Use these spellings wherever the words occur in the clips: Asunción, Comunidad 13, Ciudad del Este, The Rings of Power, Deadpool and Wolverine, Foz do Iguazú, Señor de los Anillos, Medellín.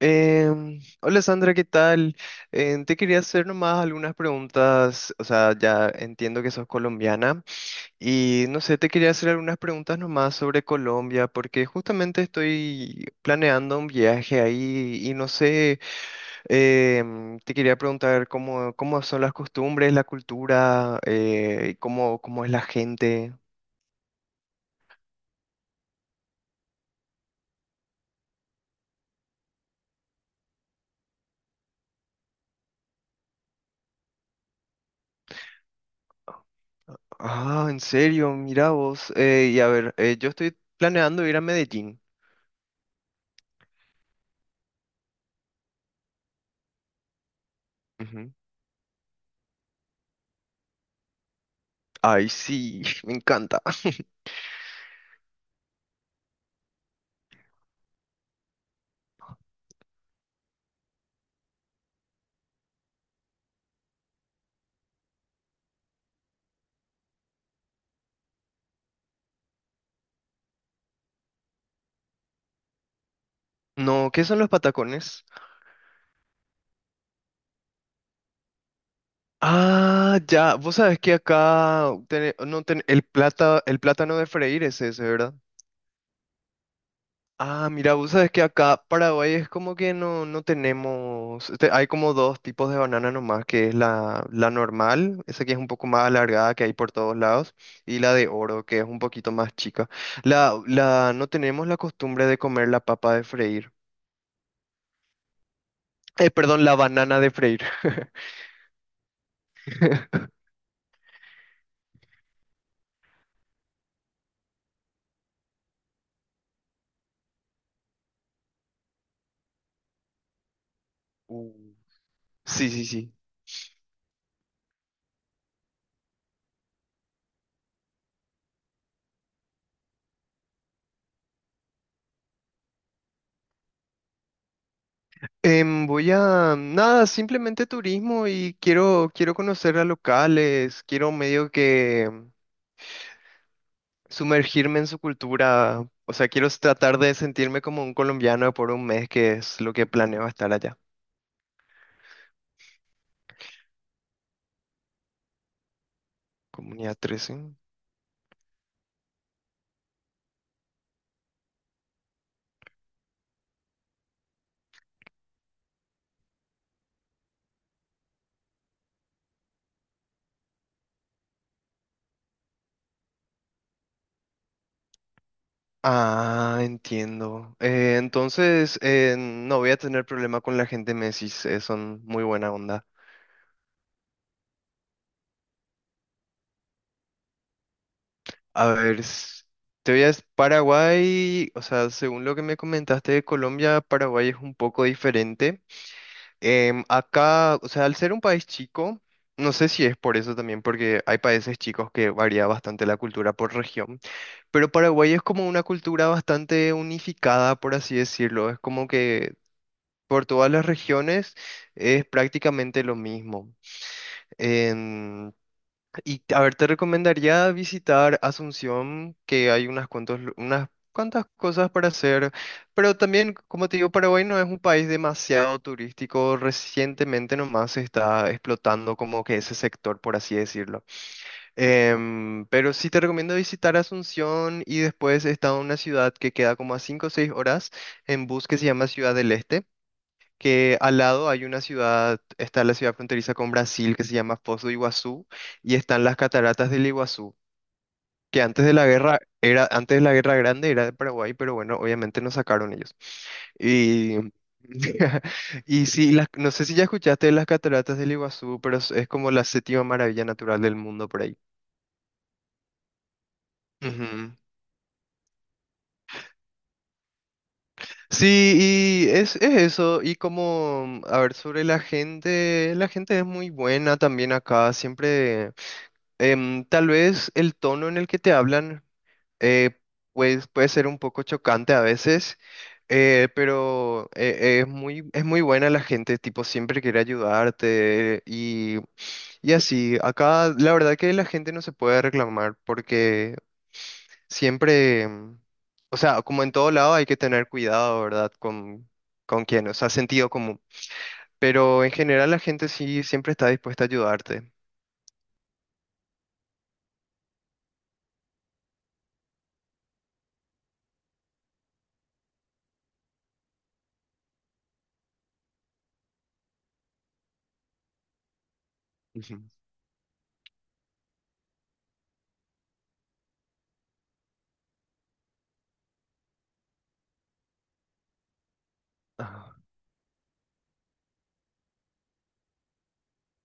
Hola Sandra, ¿qué tal? Te quería hacer nomás algunas preguntas, o sea, ya entiendo que sos colombiana y no sé, te quería hacer algunas preguntas nomás sobre Colombia porque justamente estoy planeando un viaje ahí y no sé, te quería preguntar cómo, cómo son las costumbres, la cultura, y cómo, cómo es la gente. Ah, ¿en serio? Mira vos. Y a ver, yo estoy planeando ir a Medellín. Ay, sí, me encanta. No, ¿qué son los patacones? Ah, ya, vos sabés que acá tene- no ten- el el plátano de freír es ese, ¿verdad? Ah, mira, vos sabés que acá Paraguay es como que no, no tenemos, hay como dos tipos de banana nomás, que es la normal, esa que es un poco más alargada que hay por todos lados, y la de oro, que es un poquito más chica. No tenemos la costumbre de comer la papa de freír. Perdón, la banana de freír. Uh. Sí, sí, sí. Voy a, nada, simplemente turismo y quiero, quiero conocer a locales, quiero medio que sumergirme en su cultura, o sea, quiero tratar de sentirme como un colombiano por un mes, que es lo que planeo estar allá. Comunidad 13. Ah, entiendo. Entonces, no voy a tener problema con la gente Messi, son muy buena onda. A ver, te voy a... Paraguay, o sea, según lo que me comentaste de Colombia, Paraguay es un poco diferente. Acá, o sea, al ser un país chico, no sé si es por eso también, porque hay países chicos que varía bastante la cultura por región, pero Paraguay es como una cultura bastante unificada, por así decirlo. Es como que por todas las regiones es prácticamente lo mismo. Y a ver, te recomendaría visitar Asunción, que hay unas cuantos, unas cuantas cosas para hacer, pero también, como te digo, Paraguay no es un país demasiado turístico. Recientemente nomás se está explotando como que ese sector, por así decirlo. Pero sí te recomiendo visitar Asunción y después está una ciudad que queda como a 5 o 6 horas en bus que se llama Ciudad del Este, que al lado hay una ciudad, está la ciudad fronteriza con Brasil que se llama Foz do Iguazú, y están las cataratas del Iguazú, que antes de la Guerra Grande era de Paraguay, pero bueno, obviamente nos sacaron ellos. Y, y sí, no sé si ya escuchaste de las cataratas del Iguazú, pero es como la séptima maravilla natural del mundo por ahí. Ujú. Sí, y es eso, y como, a ver, sobre la gente es muy buena también acá, siempre. Tal vez el tono en el que te hablan, eh, pues, puede ser un poco chocante a veces, es muy buena la gente, tipo, siempre quiere ayudarte y así. Acá la verdad que la gente no se puede reclamar porque siempre, o sea, como en todo lado hay que tener cuidado, ¿verdad? Con quién, o sea, sentido común. Pero en general la gente sí siempre está dispuesta a ayudarte. Ujú.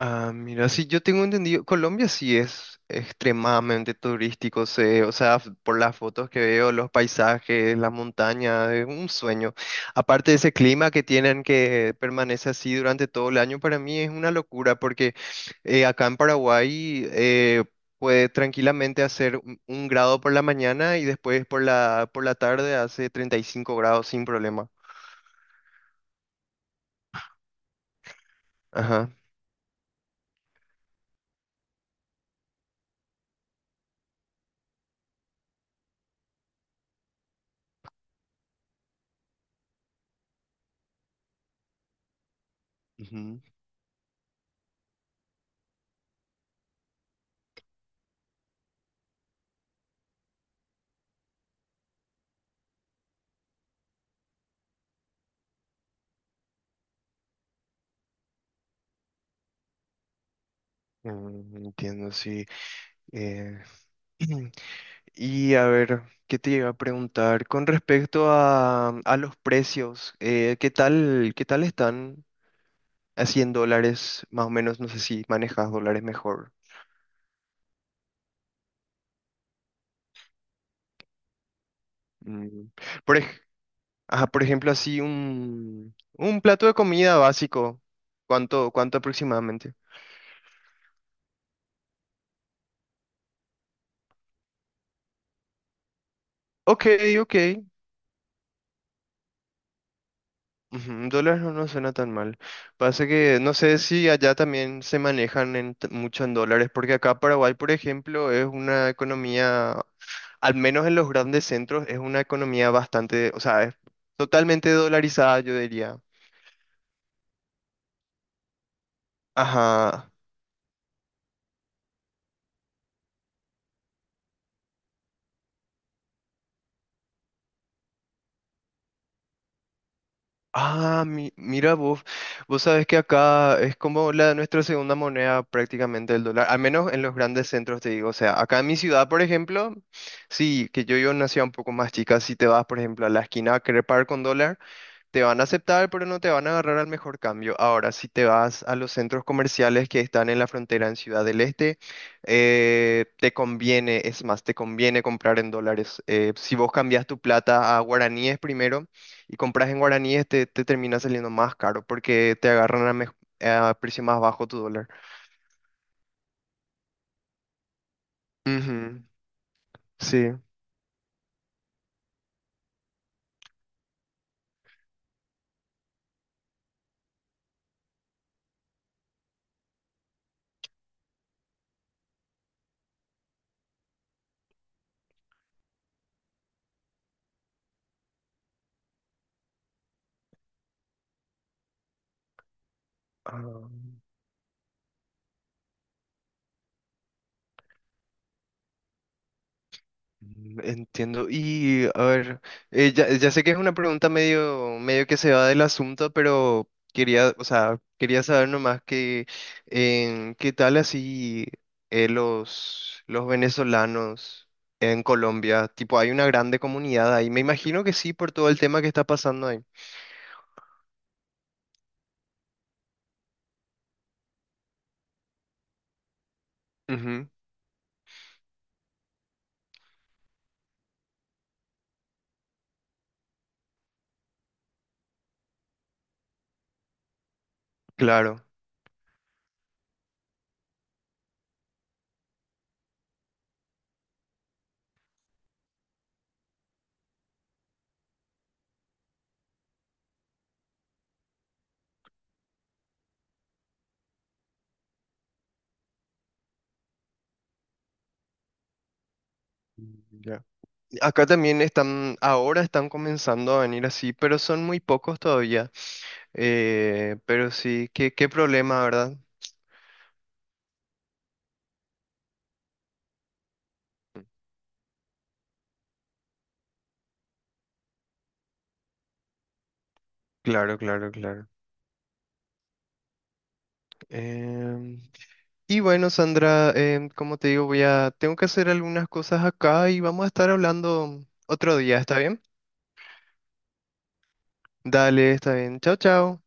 Ah, mira, sí, yo tengo entendido, Colombia sí es extremadamente turístico, sé, o sea, por las fotos que veo, los paisajes, las montañas, es un sueño. Aparte de ese clima que tienen que permanece así durante todo el año, para mí es una locura porque acá en Paraguay puede tranquilamente hacer un grado por la mañana y después por por la tarde hace 35 grados sin problema. Ajá. Ujú. Mm, entiendo, sí. Eh, y a ver, ¿qué te iba a preguntar? Con respecto a los precios, qué tal están así en dólares? Más o menos, no sé si manejas dólares mejor. Mm, Por, ej- ajá, por ejemplo, así un plato de comida básico. ¿Cuánto, cuánto aproximadamente? Ok, ok. Ujú, dólares no, no suena tan mal. Pasa que no sé si allá también se manejan en mucho en dólares, porque acá Paraguay, por ejemplo, es una economía, al menos en los grandes centros, es una economía bastante, o sea, es totalmente dolarizada, yo diría. Ajá. Ah, mira vos, vos sabés que acá es como la nuestra segunda moneda prácticamente el dólar, al menos en los grandes centros te digo, o sea, acá en mi ciudad, por ejemplo, sí, que yo nací un poco más chica, si te vas, por ejemplo, a la esquina a querer pagar con dólar, te van a aceptar, pero no te van a agarrar al mejor cambio. Ahora, si te vas a los centros comerciales que están en la frontera en Ciudad del Este, te conviene, es más, te conviene comprar en dólares. Si vos cambias tu plata a guaraníes primero y compras en guaraníes, te termina saliendo más caro porque te agarran a, a precio más bajo tu dólar. Ujú, sí. Ah. Mm, entiendo. Y a ver, ya, ya sé que es una pregunta medio, medio que se va del asunto, pero quería, o sea, quería saber nomás que en qué tal así los venezolanos en Colombia, tipo, hay una grande comunidad ahí. Me imagino que sí por todo el tema que está pasando ahí. Ujú, claro. Mm, ya. Acá también están, ahora están comenzando a venir así, pero son muy pocos todavía. Pero sí, qué, qué problema, ¿verdad? Claro, claro, claro. Em, y bueno, Sandra, como te digo, voy a, tengo que hacer algunas cosas acá y vamos a estar hablando otro día, ¿está bien? Dale, está bien. Chao, chao.